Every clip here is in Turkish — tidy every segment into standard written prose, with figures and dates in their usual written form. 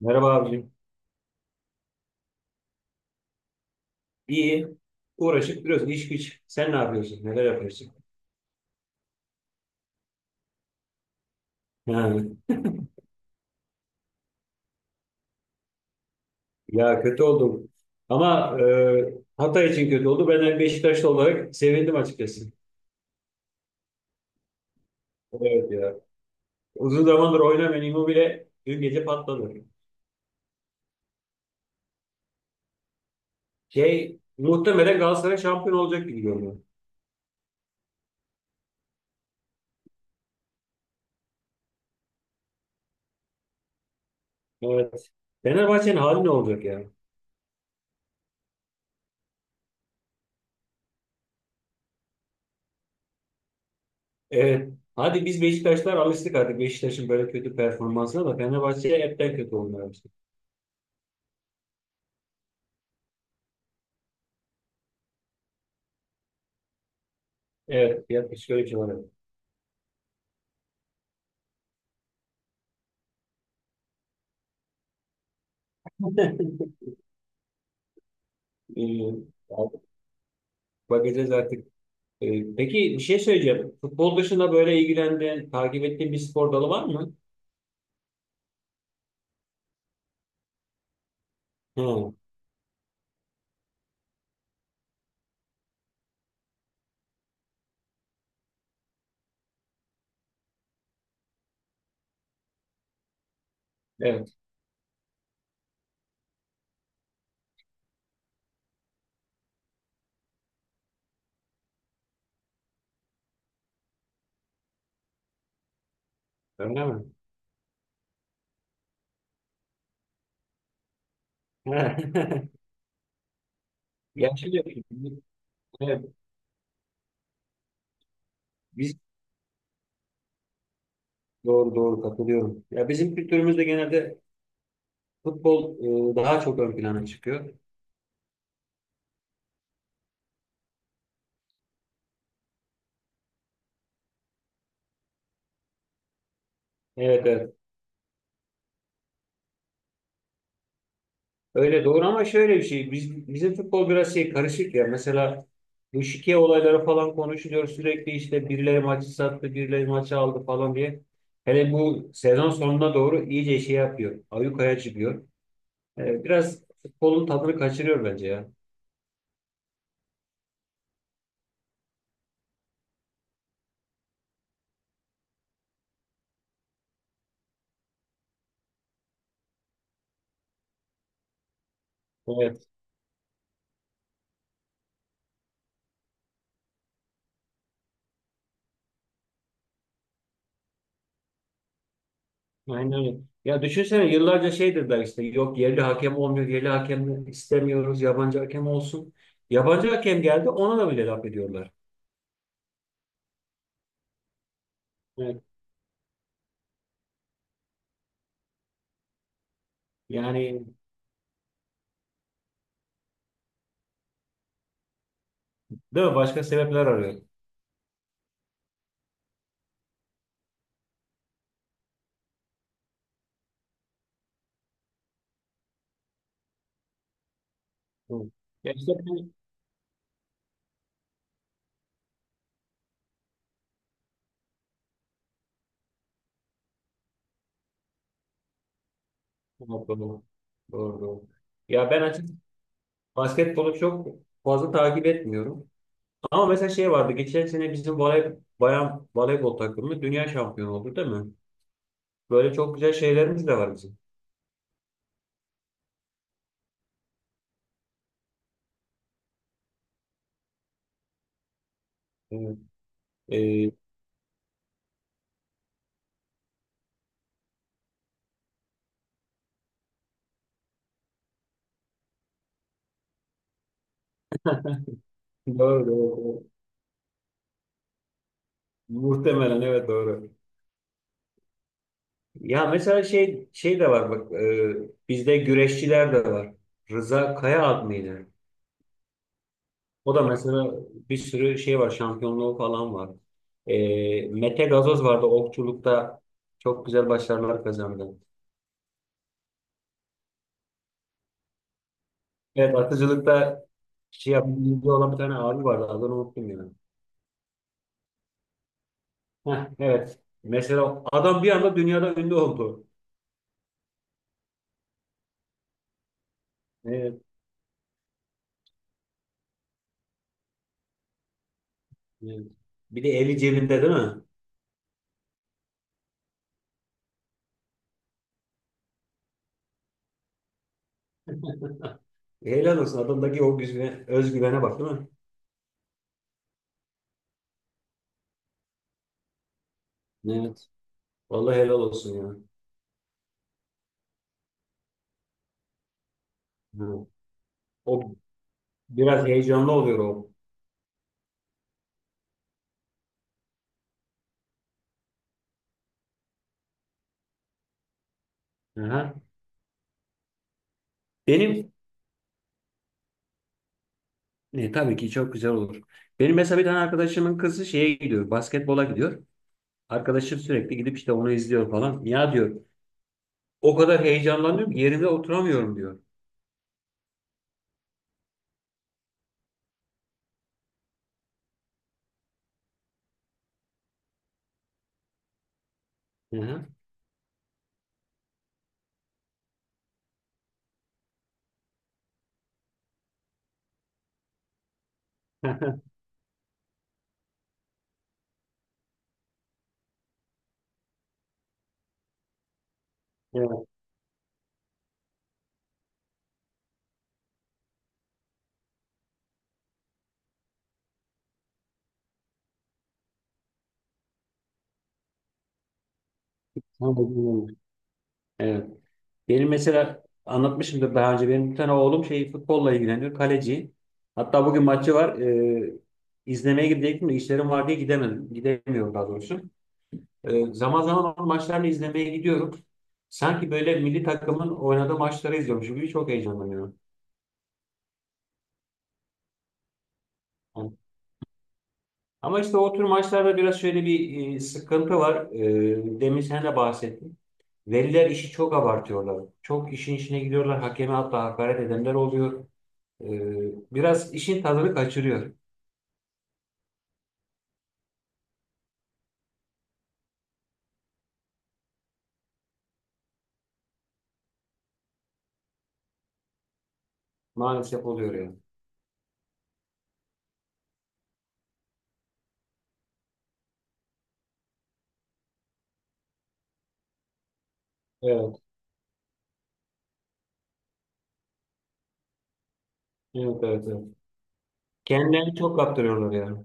Merhaba abicim. İyi. Uğraşıp duruyorsun. İş güç. Sen ne yapıyorsun? Neler yapıyorsun? Ha. Ya kötü oldum. Ama Hatay için kötü oldu. Ben de Beşiktaşlı olarak sevindim açıkçası. Evet ya. Uzun zamandır oynamayan Immobile dün gece patladı. Şey, muhtemelen Galatasaray şampiyon olacak gibi görünüyor. Evet. Fenerbahçe'nin hali ne olacak ya? Evet. Hadi biz Beşiktaşlar alıştık artık Beşiktaş'ın böyle kötü performansına da Fenerbahçe hepten kötü olmaya başladı. Evet. Yaklaşık öyle bir şey var. Ee, Bakacağız artık. Peki bir şey söyleyeceğim. Futbol dışında böyle ilgilendiğin, takip ettiğin bir spor dalı var mı? Hı, evet. Öyle mi? Ya şimdi, evet, biz doğru doğru katılıyorum. Ya bizim kültürümüzde genelde futbol daha çok ön plana çıkıyor. Evet, evet. Öyle doğru ama şöyle bir şey. Biz, bizim futbol biraz şey karışık ya. Mesela bu şike olayları falan konuşuluyor sürekli işte birileri maçı sattı, birileri maçı aldı falan diye. Hele bu sezon sonuna doğru iyice şey yapıyor. Ayyukaya çıkıyor. Biraz futbolun tadını kaçırıyor bence ya. Evet, aynen öyle. Ya düşünsene yıllarca şey dediler işte yok yerli hakem olmuyor, yerli hakem istemiyoruz, yabancı hakem olsun. Yabancı hakem geldi ona da bile laf ediyorlar. Evet. Yani değil mi? Başka sebepler arıyor. Hı. Ya işte ben. Doğru. Doğru. Ya ben açık basketbolu çok fazla takip etmiyorum. Ama mesela şey vardı. Geçen sene bizim bayan voleybol takımı dünya şampiyonu oldu değil mi? Böyle çok güzel şeylerimiz de var bizim. Evet. Ee, doğru, doğru. Muhtemelen evet doğru. Ya mesela şey şey de var bak bizde güreşçiler de var. Rıza Kaya ad mıydı? O da mesela bir sürü şey var, şampiyonluğu falan var. Mete Gazoz vardı okçulukta. Çok güzel başarılar kazandı. Evet, atıcılıkta şey yapan, olan bir tane abi vardı. Adını unuttum ya. Heh, evet. Mesela adam bir anda dünyada ünlü oldu. Evet, evet. Bir de eli cebinde değil mi? Helal olsun. Adamdaki o özgüvene bak değil mi? Evet. Vallahi helal olsun ya. Hı. O biraz heyecanlı oluyor o. Aha. Benim. Tabii ki çok güzel olur. Benim mesela bir tane arkadaşımın kızı şeye gidiyor, basketbola gidiyor. Arkadaşım sürekli gidip işte onu izliyor falan. Ya diyor, o kadar heyecanlanıyorum ki yerimde oturamıyorum diyor. Hı hı. Evet, tam da bilmiyorum. Evet. Benim mesela anlatmışımdır daha önce. Benim bir tane oğlum şey futbolla ilgileniyor, kaleci. Hatta bugün maçı var. İzlemeye gidecektim de işlerim var diye gidemedim. Gidemiyorum daha doğrusu. Zaman zaman onun maçlarını izlemeye gidiyorum. Sanki böyle milli takımın oynadığı maçları izliyormuş gibi çok heyecanlanıyorum. Yani- Ama işte o tür maçlarda biraz şöyle bir sıkıntı var. Demin sen de bahsettin. Veliler işi çok abartıyorlar. Çok işin içine gidiyorlar. Hakeme hatta hakaret edenler oluyor. Biraz işin tadını kaçırıyor. Maalesef oluyor yani. Evet, evet, evet, evet. Kendilerini çok kaptırıyorlar yani.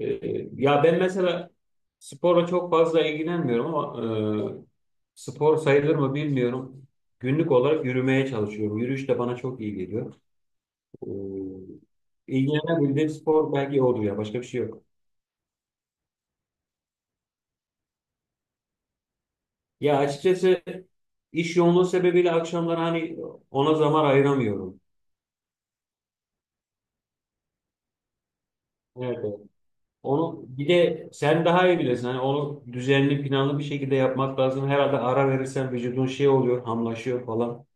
E, Ya ben mesela sporla çok fazla ilgilenmiyorum ama e, spor sayılır mı bilmiyorum. Günlük olarak yürümeye çalışıyorum. Yürüyüş de bana çok iyi geliyor. E, ilgilenebildiğim spor belki odur ya. Başka bir şey yok. Ya açıkçası iş yoğunluğu sebebiyle akşamları hani ona zaman ayıramıyorum. Evet, evet. Onu bir de sen daha iyi bilirsin. Hani onu düzenli, planlı bir şekilde yapmak lazım. Herhalde ara verirsen vücudun şey oluyor, hamlaşıyor falan.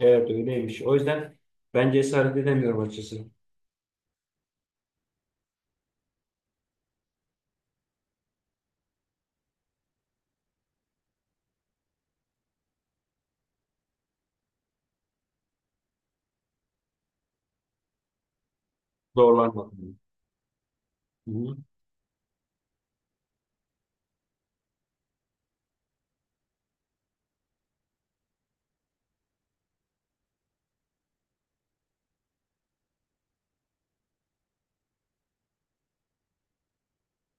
Evet öyleymiş. O yüzden ben cesaret edemiyorum açıkçası. Zorlanmadım. Hı hı,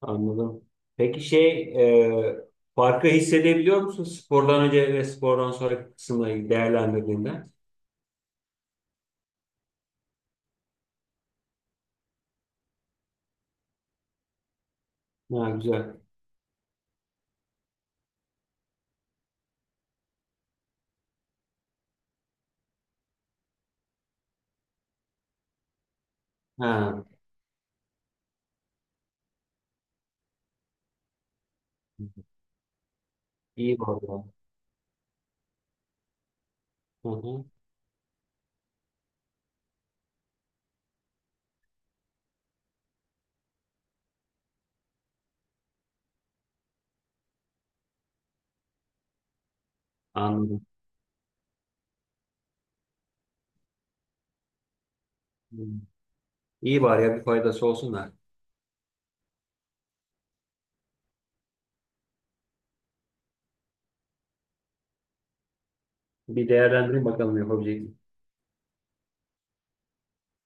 anladım. Peki şey e, farkı hissedebiliyor musun spordan önce ve spordan sonra kısımla ilgili değerlendirdiğinde? Ha, güzel. Ha, iyi var ya. Hı hı, anladım. Hı. İyi var ya, bir faydası olsun da. Bir değerlendireyim bakalım yapabilecek.